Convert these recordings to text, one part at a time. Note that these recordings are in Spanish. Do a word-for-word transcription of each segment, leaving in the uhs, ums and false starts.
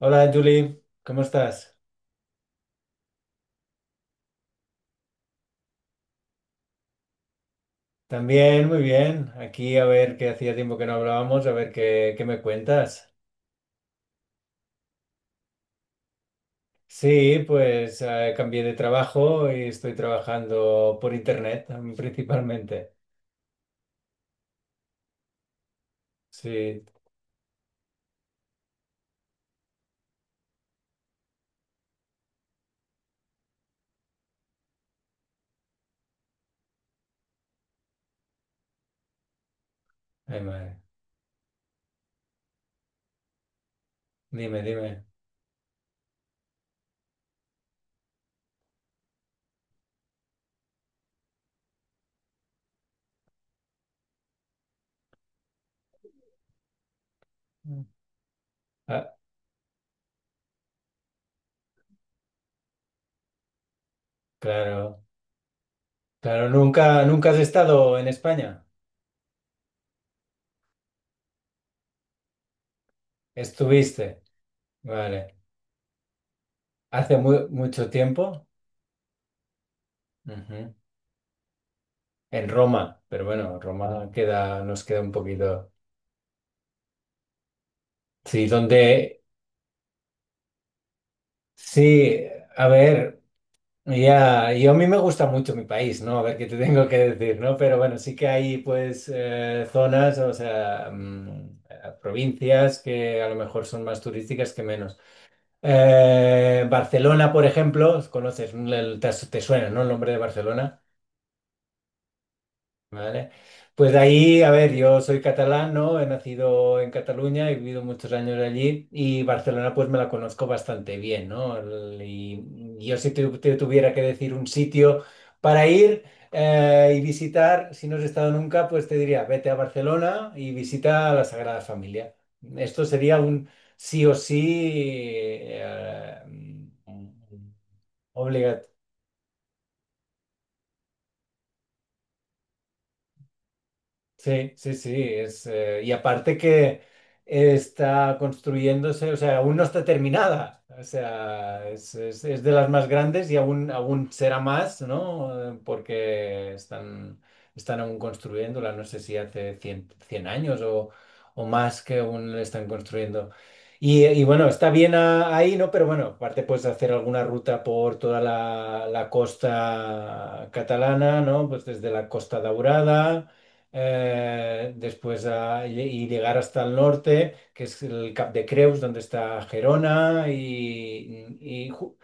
Hola Julie, ¿cómo estás? También, muy bien. Aquí a ver qué hacía tiempo que no hablábamos, a ver qué, qué me cuentas. Sí, pues eh, cambié de trabajo y estoy trabajando por internet mm, principalmente. Sí, ay madre. Dime, dime. Mm. Ah, claro, claro, nunca, nunca has estado en España. Estuviste, vale. Hace mu- mucho tiempo. Ujú. En Roma, pero bueno, Roma queda, nos queda un poquito. Sí, ¿dónde? Sí, a ver, ya, yo a mí me gusta mucho mi país, ¿no? A ver qué te tengo que decir, ¿no? Pero bueno, sí que hay pues eh, zonas, o sea, mm, eh, provincias que a lo mejor son más turísticas que menos. Eh, Barcelona, por ejemplo, conoces, el- te, te suena, ¿no? El nombre de Barcelona. Vale. Pues de ahí, a ver, yo soy catalán, ¿no? He nacido en Cataluña, he vivido muchos años allí y Barcelona pues me la conozco bastante bien, ¿no? El- Y y yo, si te, te tuviera que decir un sitio para ir eh, y visitar, si no has estado nunca, pues te diría, vete a Barcelona y visita la Sagrada Familia. Esto sería un sí o sí, eh, mm, obligatorio. Sí, sí, sí, es, eh, y aparte que está construyéndose, o sea, aún no está terminada, o sea, es, es- es de las más grandes y aún, aún será más, ¿no? Eh, Porque están, están aún construyéndola, no sé si hace cien cien años o, o más que aún la están construyendo. Y, y bueno, está bien a- ahí, ¿no? Pero bueno, aparte puedes hacer alguna ruta por toda la, la costa catalana, ¿no? Pues desde la Costa Daurada, eh, después a- y y llegar hasta el norte, que es el Cap de Creus, donde está Gerona. y, y ju-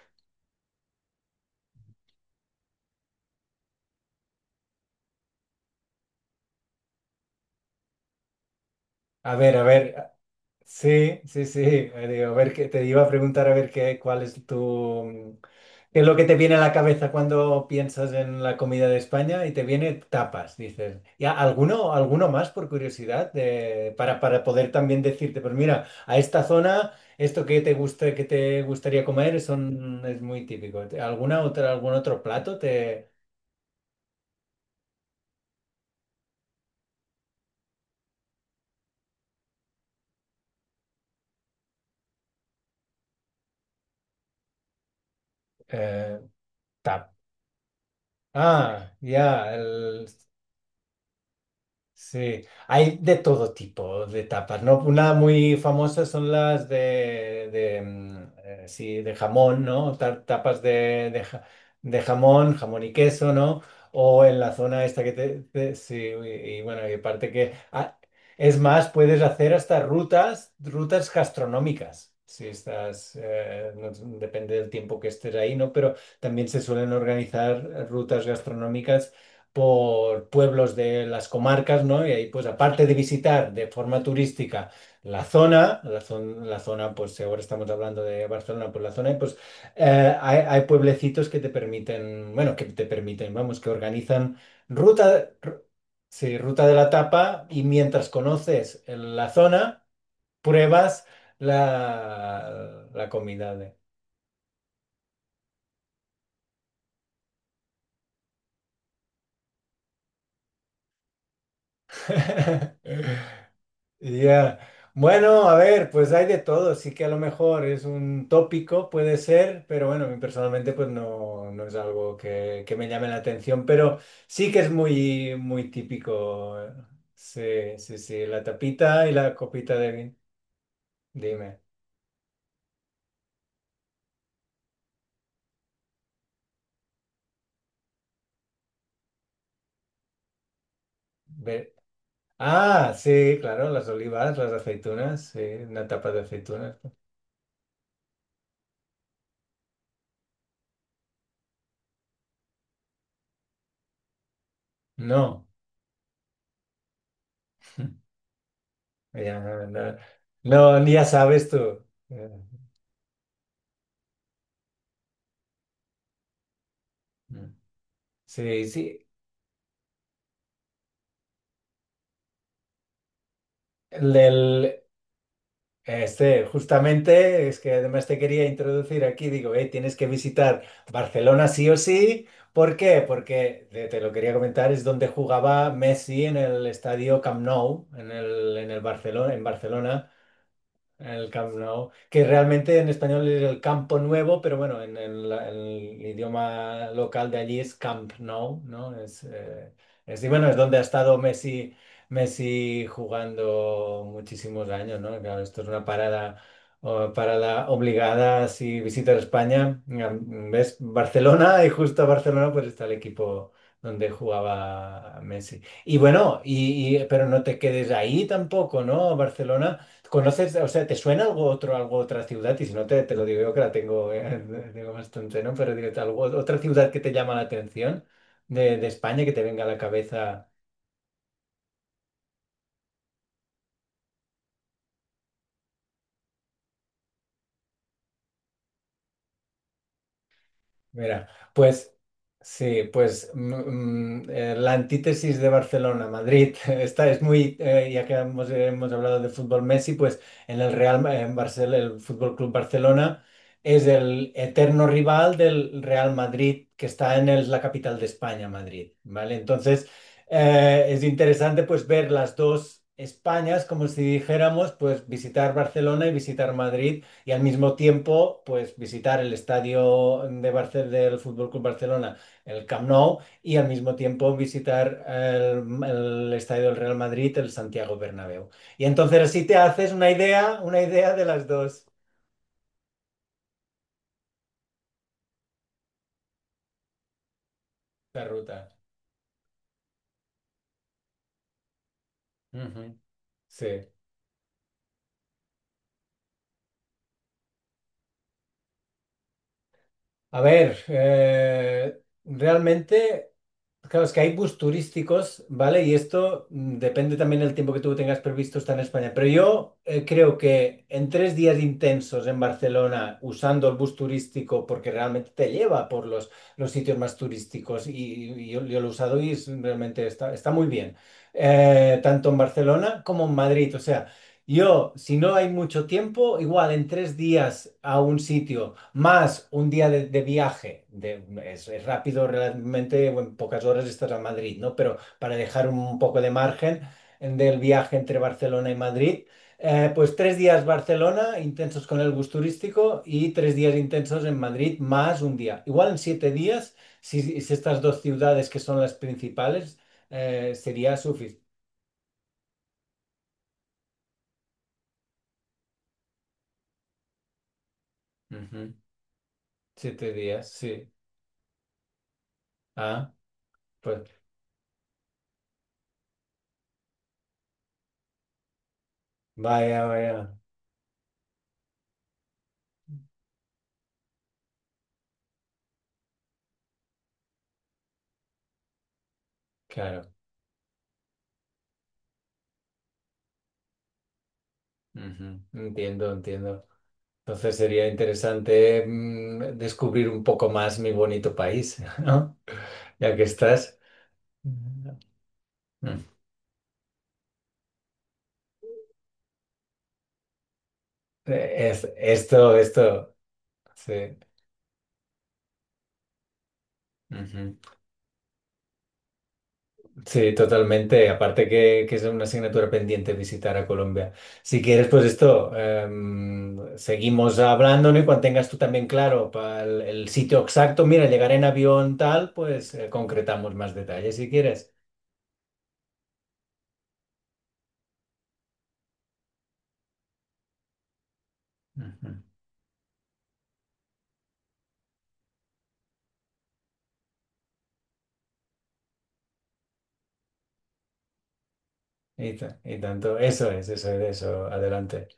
A ver, a ver. Sí, sí, sí. Eh, digo, a ver, que te iba a preguntar a ver qué, cuál es tu, mm, qué es lo que te viene a la cabeza cuando piensas en la comida de España y te viene tapas, dices. Y a- alguno, alguno más por curiosidad, de- para, para poder también decirte, pues mira, a esta zona esto que te gusta, que te gustaría comer son, es muy típico. ¿Alguna otra, algún otro plato te eh, tap? Ah, ya. Sí, hay de todo tipo de tapas, ¿no? Una muy famosa son las de, de, mm, eh, sí, de jamón, ¿no? Ta- Tapas de, de, ja- de jamón, jamón y queso, ¿no? O en la zona esta que te... te- sí, y, y bueno, y aparte que, ah, es más, puedes hacer hasta rutas, rutas gastronómicas. Si estás, eh, no- depende del tiempo que estés ahí, ¿no? Pero también se suelen organizar rutas gastronómicas por pueblos de las comarcas, ¿no? Y ahí, pues, aparte de visitar de forma turística la zona, la, zon- la zona, pues, si ahora estamos hablando de Barcelona, pues la zona, pues, eh, hay, hay pueblecitos que te permiten, bueno, que te permiten, vamos, que organizan ruta, ru- sí, ruta de la tapa y mientras conoces la zona, pruebas la, la comida de. Ya. Bueno, a ver, pues hay de todo, sí que a lo mejor es un tópico, puede ser, pero bueno, a mí personalmente pues no, no es algo que, que me llame la atención, pero sí que es muy, muy típico. Sí, sí, sí, la tapita y la copita de vino. Dime. Ve- Ah, sí, claro, las olivas, las aceitunas, sí, una tapa de aceitunas. No, ya, no, no, no, ya sabes tú. Eh, mm, Sí, sí. Este, justamente, es que además te quería introducir aquí, digo, eh, tienes que visitar Barcelona sí o sí. ¿Por qué? Porque te, te lo quería comentar, es donde jugaba Messi en el estadio Camp Nou, en el, en el Barcelona, en Barcelona. El Camp Nou, que realmente en español es el Campo Nuevo, pero bueno, en, en la- en el idioma local de allí es Camp Nou, ¿no? Es, eh, es, y bueno, es donde ha estado Messi, Messi jugando muchísimos años, ¿no? Claro, esto es una parada, oh, parada obligada si visitas España. Mira, ¿ves? Barcelona, y justo a Barcelona pues está el equipo donde jugaba Messi. Y bueno, y, y- pero no te quedes ahí tampoco, ¿no? Barcelona. ¿Conoces, o sea, te suena algo otro, algo otra ciudad? Y si no te, te lo digo yo que la tengo, eh, tengo bastante, ¿no? Pero digo, algo, otra ciudad que te llama la atención de, de España que te venga a la cabeza. Mira, pues sí, pues mm, mm, eh, la antítesis de Barcelona-Madrid, esta es muy, eh, ya que hemos, hemos hablado de fútbol Messi, pues en el Real, Ma- en Barcelona, el Fútbol Club Barcelona es el eterno rival del Real Madrid, que está en el- la capital de España, Madrid, ¿vale? Entonces, eh, es interesante pues ver las dos Españas, como si dijéramos, pues visitar Barcelona y visitar Madrid y al mismo tiempo, pues visitar el estadio de Barce- del Fútbol Club Barcelona, el Camp Nou, y al mismo tiempo visitar el, el estadio del Real Madrid, el Santiago Bernabéu. Y entonces así te haces una idea, una idea de las dos, la ruta. Ujú. Sí. A ver, eh, realmente, claro, es que hay bus turísticos, ¿vale? Y esto mm, depende también del tiempo que tú tengas previsto estar en España. Pero yo eh, creo que en tres días intensos en Barcelona, usando el bus turístico, porque realmente te lleva por los, los sitios más turísticos, y, y yo, yo lo he usado y es- realmente está, está muy bien. Eh, tanto en Barcelona como en Madrid. O sea. Yo, si no hay mucho tiempo, igual en tres días a un sitio, más un día de, de viaje, de, es, es rápido realmente, bueno, en pocas horas estás a Madrid, ¿no? Pero para dejar un poco de margen en- del viaje entre Barcelona y Madrid, eh, pues tres días Barcelona, intensos con el bus turístico, y tres días intensos en Madrid, más un día. Igual en siete días, si, si estas dos ciudades que son las principales, eh, sería suficiente. Siete días, sí. Ah. Pues vaya, vaya, claro. Ujú. Entiendo, entiendo. Entonces sería interesante mm, descubrir un poco más mi bonito país, ¿no? Ya que estás. Mm. Eh, Es, esto, esto, sí. Ujú. Sí, totalmente. Aparte que, que es una asignatura pendiente visitar a Colombia. Si quieres, pues esto, em, seguimos hablando, ¿no? Y cuando tengas tú también claro pa- el, el sitio exacto, mira, llegar en avión tal, pues eh, concretamos más detalles si quieres. Ujú. Y, ta- y tanto, eso es, eso es, eso, adelante.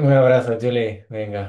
Un abrazo, Julie, venga.